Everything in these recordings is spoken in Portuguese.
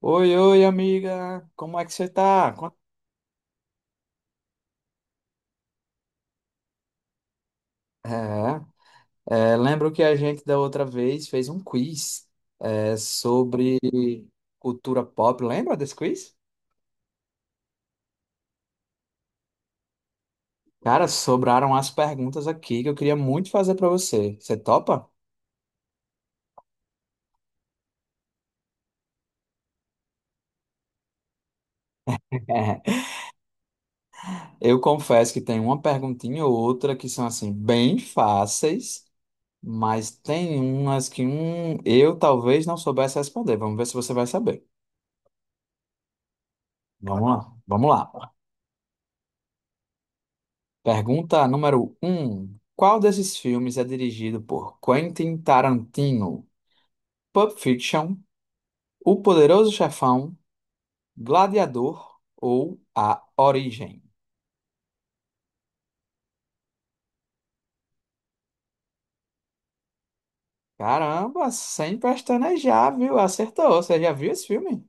Oi, oi, amiga. Como é que você tá? É, é, lembro que a gente da outra vez fez um quiz, sobre cultura pop. Lembra desse quiz? Cara, sobraram as perguntas aqui que eu queria muito fazer pra você. Você topa? Eu confesso que tem uma perguntinha ou outra que são assim bem fáceis, mas tem umas que eu talvez não soubesse responder. Vamos ver se você vai saber. Vamos lá, vamos lá. Pergunta número um: qual desses filmes é dirigido por Quentin Tarantino? Pulp Fiction, O Poderoso Chefão, Gladiador ou A Origem? Caramba, sem pestanejar, viu? Acertou. Você já viu esse filme?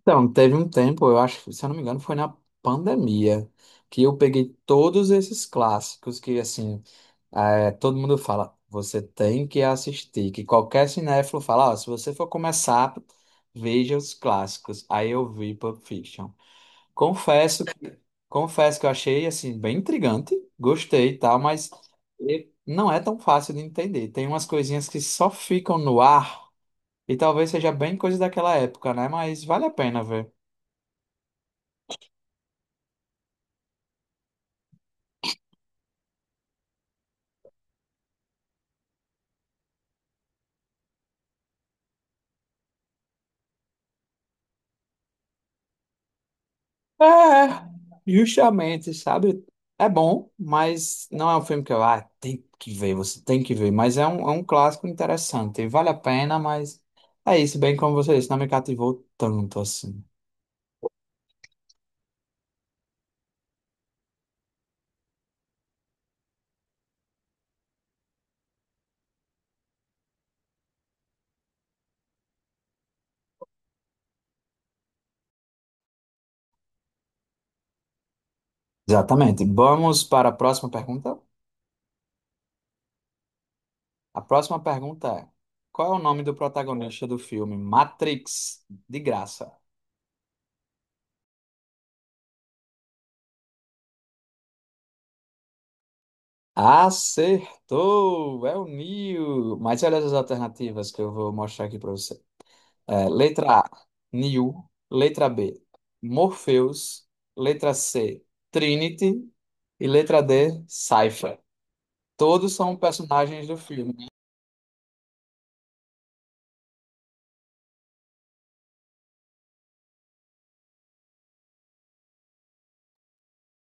Então, teve um tempo, eu acho, que, se eu não me engano, foi na pandemia, que eu peguei todos esses clássicos que, assim, todo mundo fala, você tem que assistir, que qualquer cinéfilo fala, ó, se você for começar, veja os clássicos. Aí eu vi Pulp Fiction. Confesso, confesso que eu achei, assim, bem intrigante, gostei e tal, mas não é tão fácil de entender. Tem umas coisinhas que só ficam no ar, e talvez seja bem coisa daquela época, né? Mas vale a pena ver. É, justamente, sabe? É bom, mas não é um filme que eu, ah, tem que ver, você tem que ver. Mas é um clássico interessante, vale a pena, mas é isso, bem como você disse, não me cativou tanto assim. Exatamente. Vamos para a próxima pergunta? A próxima pergunta é: qual é o nome do protagonista do filme Matrix? De graça. Acertou! É o Neo! Mas olha as alternativas que eu vou mostrar aqui para você. Letra A, Neo. Letra B, Morpheus. Letra C, Trinity. E letra D, Cypher. Todos são personagens do filme.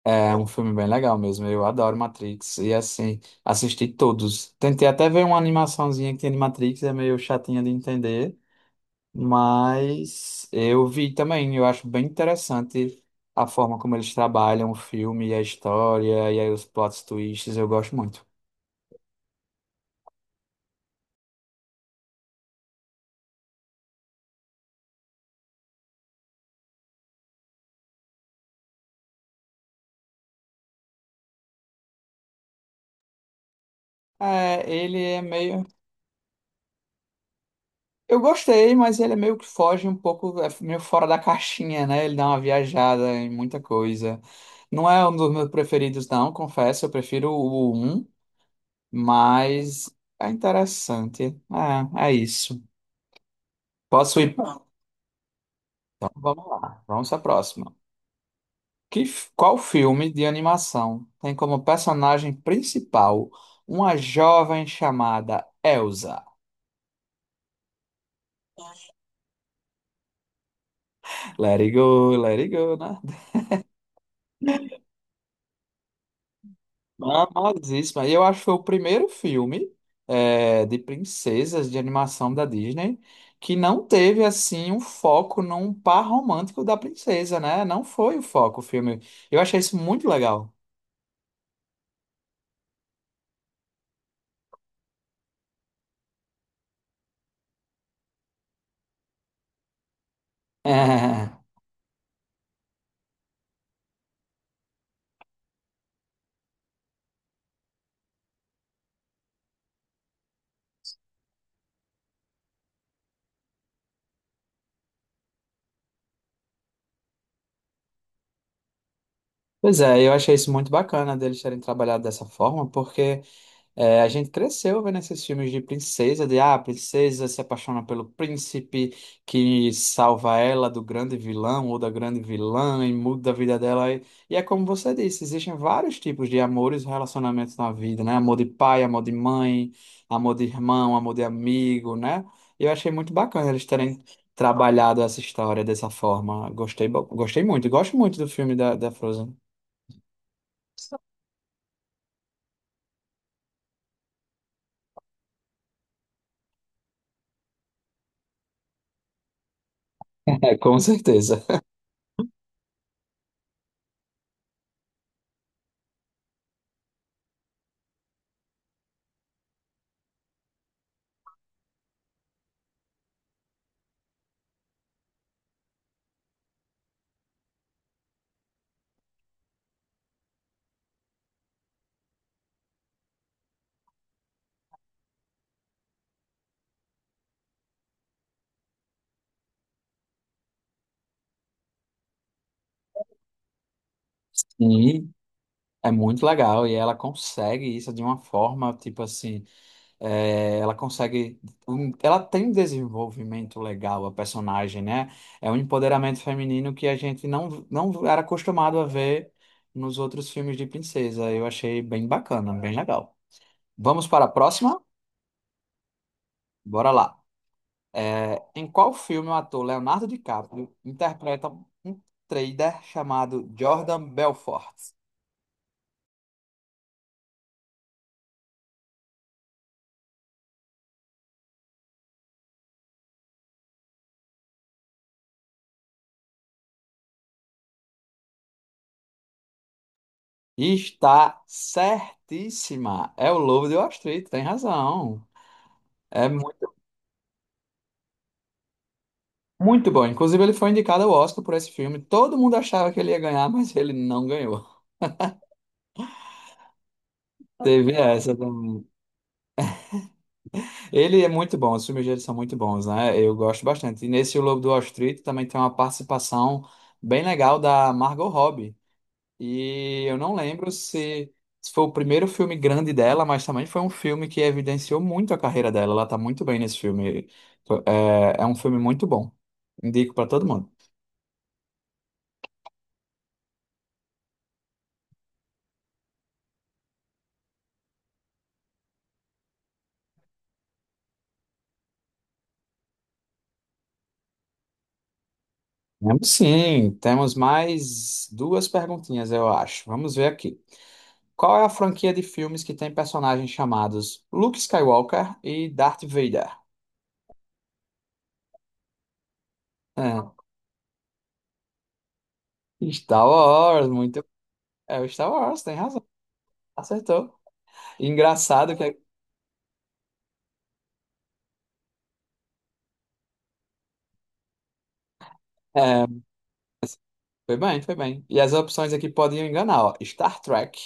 É um filme bem legal mesmo. Eu adoro Matrix. E assim, assisti todos. Tentei até ver uma animaçãozinha que tem de Matrix é meio chatinha de entender. Mas eu vi também, eu acho bem interessante a forma como eles trabalham o filme e a história, e aí os plot twists, eu gosto muito. É, ele é meio. Eu gostei, mas ele é meio que foge um pouco, é meio fora da caixinha, né? Ele dá uma viajada em muita coisa. Não é um dos meus preferidos, não, confesso. Eu prefiro o um. Mas é interessante. É, é isso. Posso ir? Então, vamos lá. Vamos à próxima. Qual filme de animação tem como personagem principal uma jovem chamada Elsa? Let it go, né? Famosíssima. E eu acho que foi o primeiro filme de princesas de animação da Disney que não teve, assim, um foco num par romântico da princesa, né? Não foi o foco o filme. Eu achei isso muito legal. É, pois é, eu achei isso muito bacana deles terem trabalhado dessa forma, porque a gente cresceu vendo esses filmes de princesa, de ah, a princesa se apaixona pelo príncipe que salva ela do grande vilão ou da grande vilã e muda a vida dela. E é como você disse, existem vários tipos de amores e relacionamentos na vida, né? Amor de pai, amor de mãe, amor de irmão, amor de amigo, né? E eu achei muito bacana eles terem trabalhado essa história dessa forma. Gostei muito, gosto muito do filme da Frozen. É, com certeza. É muito legal e ela consegue isso de uma forma, tipo assim, ela consegue, ela tem um desenvolvimento legal, a personagem, né? É um empoderamento feminino que a gente não era acostumado a ver nos outros filmes de princesa. Eu achei bem bacana, bem legal. Vamos para a próxima? Bora lá. Em qual filme o ator Leonardo DiCaprio interpreta um trader chamado Jordan Belfort? E está certíssima. É o Lobo de Wall Street, tem razão. É muito, muito bom. Inclusive, ele foi indicado ao Oscar por esse filme. Todo mundo achava que ele ia ganhar, mas ele não ganhou. Teve essa também. Ele é muito bom, os filmes dele são muito bons, né? Eu gosto bastante. E nesse O Lobo de Wall Street também tem uma participação bem legal da Margot Robbie. E eu não lembro se foi o primeiro filme grande dela, mas também foi um filme que evidenciou muito a carreira dela. Ela tá muito bem nesse filme. É um filme muito bom. Indico para todo mundo. Vamos sim, temos mais duas perguntinhas, eu acho. Vamos ver aqui. Qual é a franquia de filmes que tem personagens chamados Luke Skywalker e Darth Vader? É, Star Wars, muito. É o Star Wars, tem razão. Acertou. Engraçado que é. Foi bem, foi bem. E as opções aqui podiam enganar, ó. Star Trek,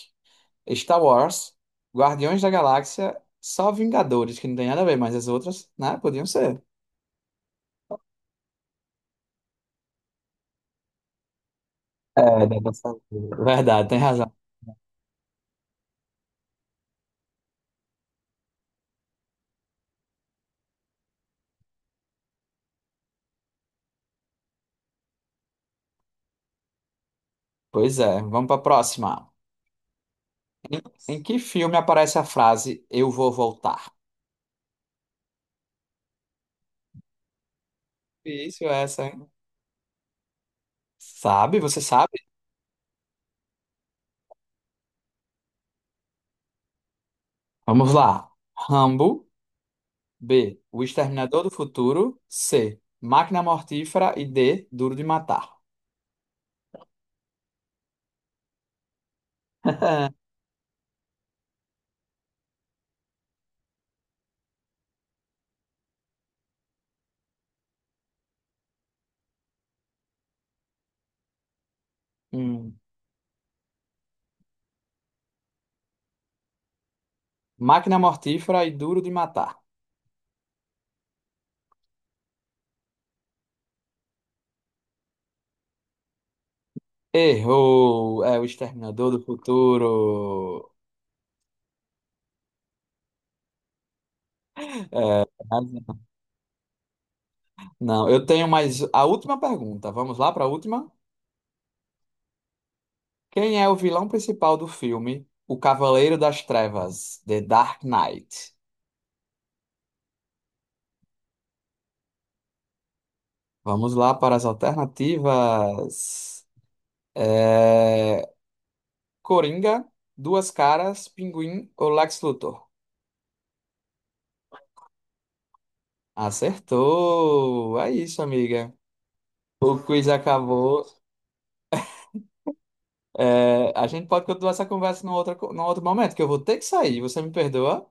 Star Wars, Guardiões da Galáxia, só Vingadores, que não tem nada a ver, mas as outras, né, podiam ser. É, dá pra saber. Verdade, tem razão. Pois é, vamos para a próxima. Em, em que filme aparece a frase Eu vou voltar? Difícil essa, hein? Sabe? Você sabe? Vamos lá. Rambo, B. O Exterminador do Futuro, C. Máquina Mortífera e D. Duro de Matar. Máquina Mortífera e Duro de Matar. Errou! É o Exterminador do Futuro. É, mas não, eu tenho mais a última pergunta. Vamos lá para a última? Quem é o vilão principal do filme O Cavaleiro das Trevas, The Dark Knight? Vamos lá para as alternativas. É, Coringa, Duas Caras, Pinguim ou Lex Luthor? Acertou! É isso, amiga. O quiz acabou. É, a gente pode continuar essa conversa num outro momento, que eu vou ter que sair. Você me perdoa?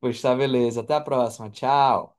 Pois tá, beleza. Até a próxima. Tchau.